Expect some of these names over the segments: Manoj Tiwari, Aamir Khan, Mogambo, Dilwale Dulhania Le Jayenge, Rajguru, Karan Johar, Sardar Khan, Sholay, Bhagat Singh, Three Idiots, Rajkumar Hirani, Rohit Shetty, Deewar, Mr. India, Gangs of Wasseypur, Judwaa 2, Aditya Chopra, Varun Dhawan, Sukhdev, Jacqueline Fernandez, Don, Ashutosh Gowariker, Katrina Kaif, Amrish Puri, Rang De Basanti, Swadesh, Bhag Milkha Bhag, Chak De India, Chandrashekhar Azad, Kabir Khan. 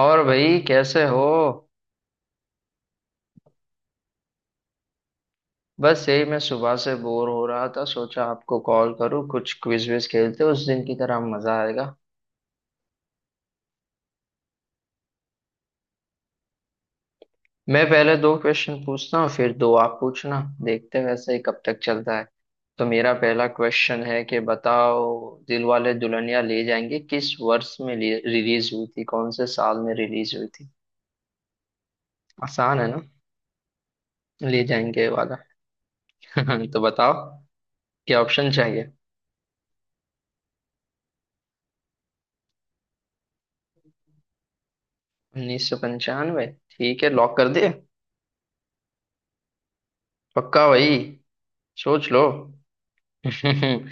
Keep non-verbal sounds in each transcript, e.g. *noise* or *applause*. और भाई कैसे हो? बस यही मैं सुबह से बोर हो रहा था, सोचा आपको कॉल करूं, कुछ क्विज विज खेलते उस दिन की तरह, मजा आएगा। मैं पहले दो क्वेश्चन पूछता हूँ फिर दो आप पूछना, देखते हैं वैसे ही कब तक चलता है। तो मेरा पहला क्वेश्चन है कि बताओ, दिलवाले दुल्हनिया ले जाएंगे किस वर्ष में रिलीज हुई थी, कौन से साल में रिलीज हुई थी? आसान है ना? ले जाएंगे वाला। *laughs* तो बताओ, क्या ऑप्शन चाहिए? उन्नीस सौ पंचानवे, ठीक है, लॉक कर दे? पक्का भाई? सोच लो। *laughs*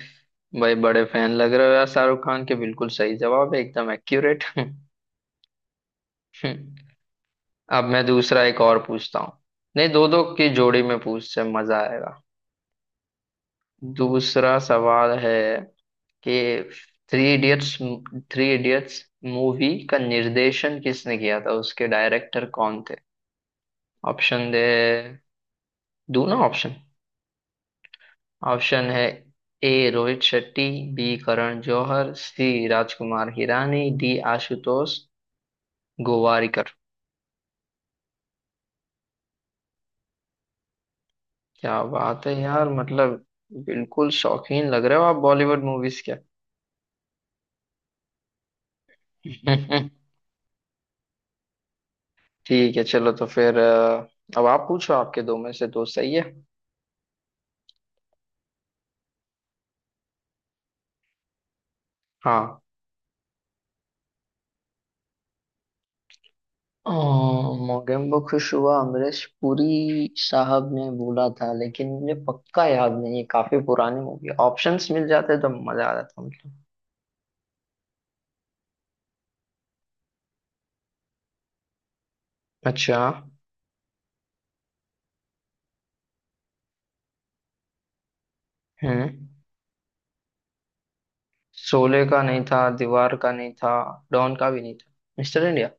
भाई बड़े फैन लग रहे हो यार शाहरुख खान के, बिल्कुल सही जवाब है, एकदम एक्यूरेट। *laughs* अब मैं दूसरा एक और पूछता हूँ। नहीं, दो दो की जोड़ी में पूछ से मजा आएगा। दूसरा सवाल है कि Three Idiots Three Idiots movie का निर्देशन किसने किया था, उसके डायरेक्टर कौन थे? ऑप्शन दे? दूं ना ऑप्शन? ऑप्शन है, A Rohit Shetty, B Karan Johar, C Rajkumar Hirani, D Ashutosh Gowariker. क्या बात है यार, मतलब बिल्कुल शौकीन लग रहे हो आप बॉलीवुड मूवीज के। *laughs* ठीक है चलो तो फिर। अब आप पूछो, आपके दो में से दो सही है। हाँ। अ, मोगेम्बो खुश हुआ अमरीश पुरी साहब ने बोला था, लेकिन मुझे पक्का याद नहीं है, काफी पुरानी मूवी, ऑप्शंस मिल जाते तो मजा आ जाता मतलब। अच्छा। हम्म शोले का नहीं था, दीवार का नहीं था, डॉन का भी नहीं था। Mister India.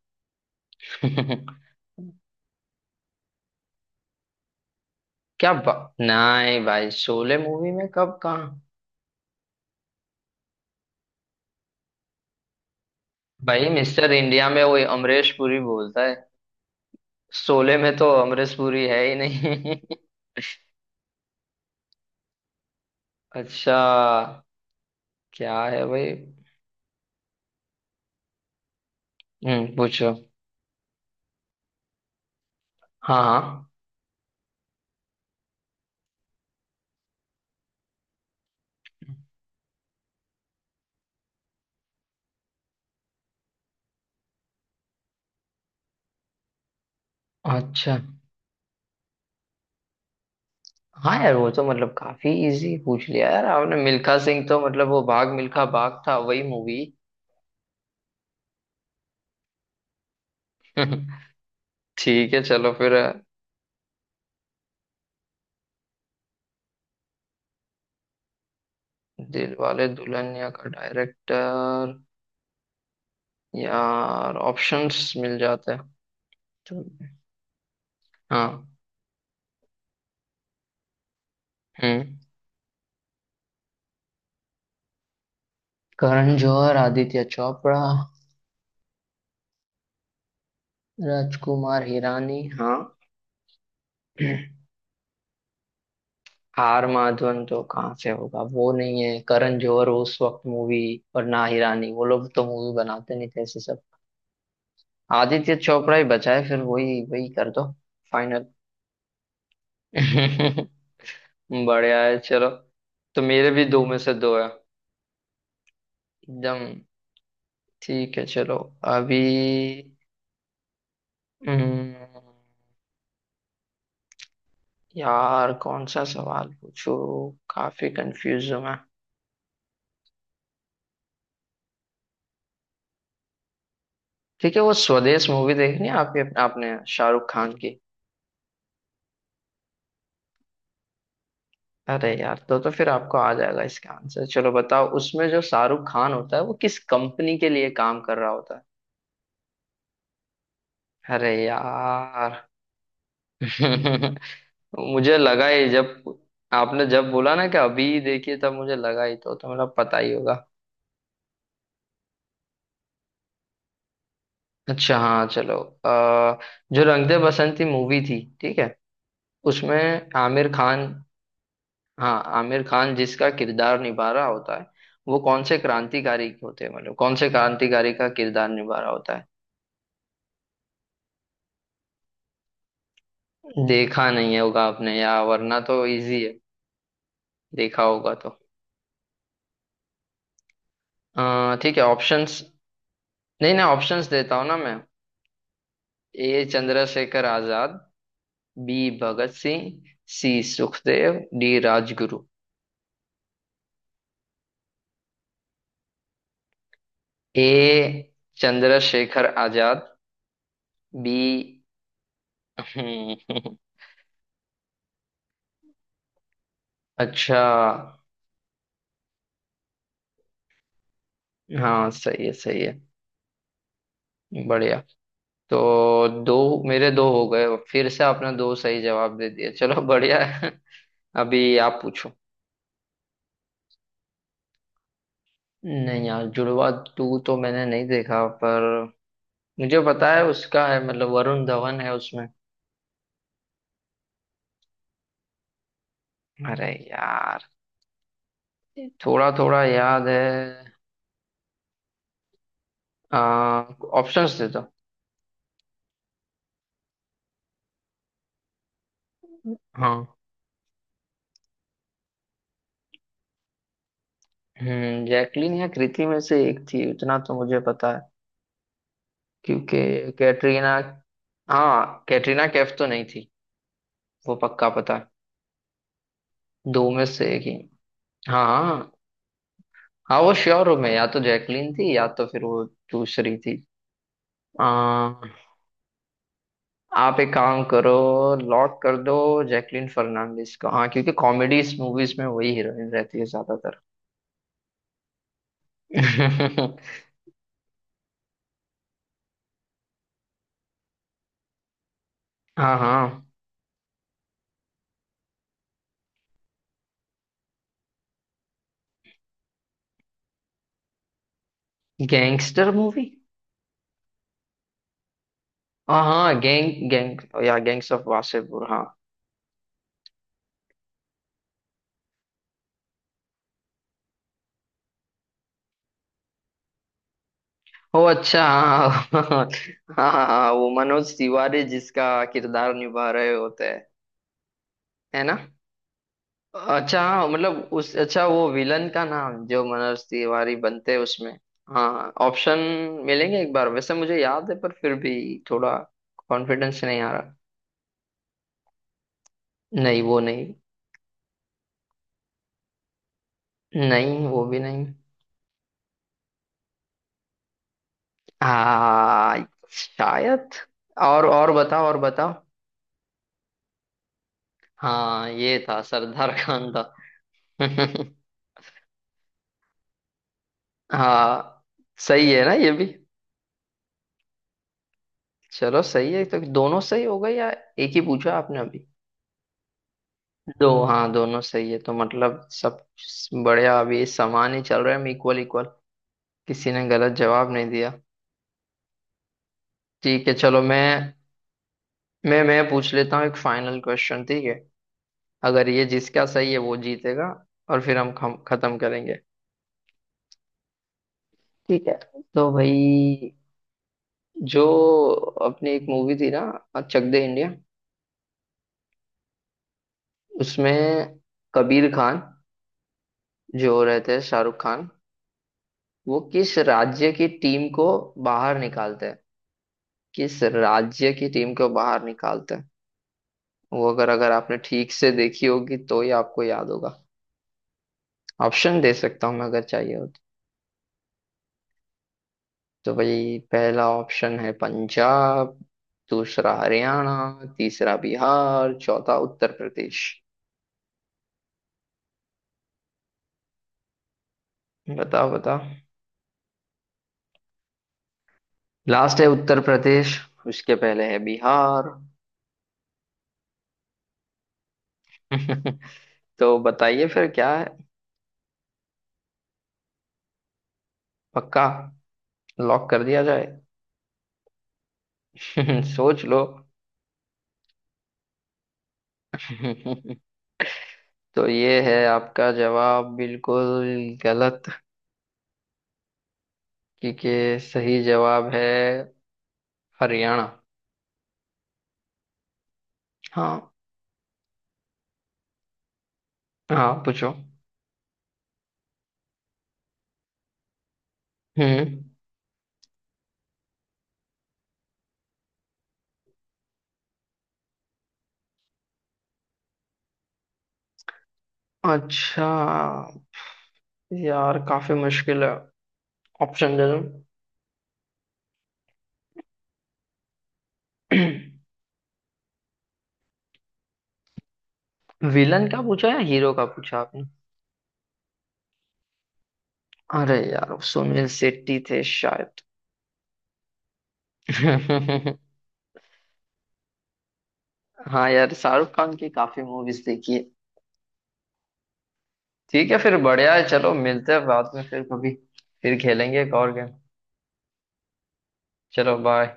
*laughs* क्या बा... नहीं भाई, शोले मूवी में कब कहाँ? भाई मिस्टर इंडिया में वो अमरीश पुरी बोलता है, शोले में तो अमरीश पुरी है ही नहीं। *laughs* अच्छा। क्या है भाई? पूछो। हाँ हाँ। अच्छा हाँ, यार वो तो मतलब काफी इजी पूछ लिया यार आपने, मिल्खा सिंह तो मतलब वो भाग मिल्खा भाग था, वही मूवी। *laughs* ठीक है चलो फिर। दिलवाले दुल्हनिया का डायरेक्टर? यार ऑप्शंस मिल जाते हैं तो। हाँ। हम्म। करण जौहर, आदित्य चोपड़ा, राजकुमार हिरानी, हाँ, आर माधवन तो कहाँ से होगा, वो नहीं है। करण जौहर उस वक्त मूवी, और ना हिरानी, वो लोग तो मूवी बनाते नहीं थे ऐसे सब। आदित्य चोपड़ा ही बचा है फिर, वही वही कर दो। फाइनल। *laughs* बढ़िया है चलो। तो मेरे भी दो में से दो है। एकदम ठीक है चलो। अभी हम्म, यार कौन सा सवाल पूछूं? काफी कंफ्यूज हूं मैं। ठीक है, वो स्वदेश मूवी देखनी है आपके आपने शाहरुख खान की? अरे यार, तो फिर आपको आ जाएगा इसका आंसर। चलो बताओ, उसमें जो शाहरुख खान होता है वो किस कंपनी के लिए काम कर रहा होता है? अरे यार। *laughs* मुझे लगा ही जब आपने जब बोला ना कि अभी देखिए तब मुझे लगा ही तो मतलब पता ही होगा। अच्छा हाँ चलो। जो रंग दे बसंती मूवी थी, ठीक है, उसमें आमिर खान, हाँ, आमिर खान जिसका किरदार निभा रहा होता है वो कौन से क्रांतिकारी होते हैं, मतलब कौन से क्रांतिकारी का किरदार निभा रहा होता है? देखा नहीं होगा आपने, या वरना तो इजी है, देखा होगा तो। ठीक है, ऑप्शंस। नहीं नहीं, ऑप्शंस देता हूँ ना मैं। A Chandrashekhar Azad, B Bhagat Singh, C Sukhdev, D Rajguru. A Chandrashekhar Azad, B. हम्म। *laughs* अच्छा, हाँ सही है, सही है। बढ़िया। तो दो मेरे दो हो गए, फिर से आपने दो सही जवाब दे दिए, चलो बढ़िया है। *laughs* अभी आप पूछो। नहीं यार, जुड़वा टू तो मैंने नहीं देखा, पर मुझे पता है उसका, है मतलब वरुण धवन है उसमें। अरे यार, थोड़ा थोड़ा याद है। आ, ऑप्शंस दे दो। हाँ। जैकलीन या कृति में से एक थी, उतना तो मुझे पता है। क्योंकि कैटरीना, हाँ, कैटरीना कैफ तो नहीं थी, वो पक्का पता है। दो में से एक ही। हाँ हाँ हाँ, वो श्योर हूँ मैं, या तो जैकलीन थी या तो फिर वो दूसरी थी। आ, आप एक काम करो, लॉक कर दो जैकलीन फर्नांडिस को, हाँ, क्योंकि कॉमेडीज मूवीज में वही हीरोइन रहती है ज्यादातर। *laughs* हाँ हाँ, गैंगस्टर मूवी, हाँ हाँ, गैंग गैंग या गैंग्स ऑफ वासेपुर, हाँ। ओ अच्छा, हाँ हाँ हाँ हाँ, हाँ, वो मनोज तिवारी जिसका किरदार निभा रहे होते हैं, है ना? अच्छा हाँ मतलब उस अच्छा, वो विलन का नाम जो मनोज तिवारी बनते हैं उसमें। हाँ, ऑप्शन मिलेंगे एक बार, वैसे मुझे याद है पर फिर भी थोड़ा कॉन्फिडेंस नहीं आ रहा। नहीं वो नहीं। नहीं वो भी नहीं। हाँ शायद। और बताओ, और बताओ। हाँ ये था, सरदार खान था। *laughs* हाँ सही है ना ये भी? चलो सही है, तो दोनों सही हो गए, या एक ही पूछा आपने अभी? दो, हाँ, दोनों सही है तो मतलब सब बढ़िया। अभी समान ही चल रहा है, इक्वल इक्वल, किसी ने गलत जवाब नहीं दिया। ठीक है चलो, मैं पूछ लेता हूँ एक फाइनल क्वेश्चन, ठीक है? अगर ये जिसका सही है वो जीतेगा, और फिर हम खत्म करेंगे, ठीक है? तो भाई, जो अपनी एक मूवी थी ना, चक दे इंडिया, उसमें कबीर खान जो रहते हैं शाहरुख खान, वो किस राज्य की टीम को बाहर निकालते हैं, किस राज्य की टीम को बाहर निकालते हैं? वो अगर अगर आपने ठीक से देखी होगी तो ही आपको याद होगा। ऑप्शन दे सकता हूँ मैं अगर चाहिए हो तो। तो भाई, पहला ऑप्शन है पंजाब, दूसरा हरियाणा, तीसरा बिहार, चौथा उत्तर प्रदेश। बताओ बताओ। लास्ट है उत्तर प्रदेश, उसके पहले है बिहार। *laughs* तो बताइए फिर क्या है? पक्का, लॉक कर दिया जाए? *laughs* सोच लो। *laughs* तो ये है आपका जवाब, बिल्कुल गलत, क्योंकि सही जवाब है हरियाणा। हाँ हाँ पूछो। हम्म अच्छा, यार काफी मुश्किल है। ऑप्शन दे दो। *clears throat* विलन का पूछा या हीरो का पूछा आपने? अरे यार, वो सुनील शेट्टी थे शायद। *laughs* हाँ यार, शाहरुख खान की काफी मूवीज देखी है। ठीक है फिर, बढ़िया है चलो, मिलते हैं बाद में फिर कभी, फिर खेलेंगे एक और गेम। चलो बाय।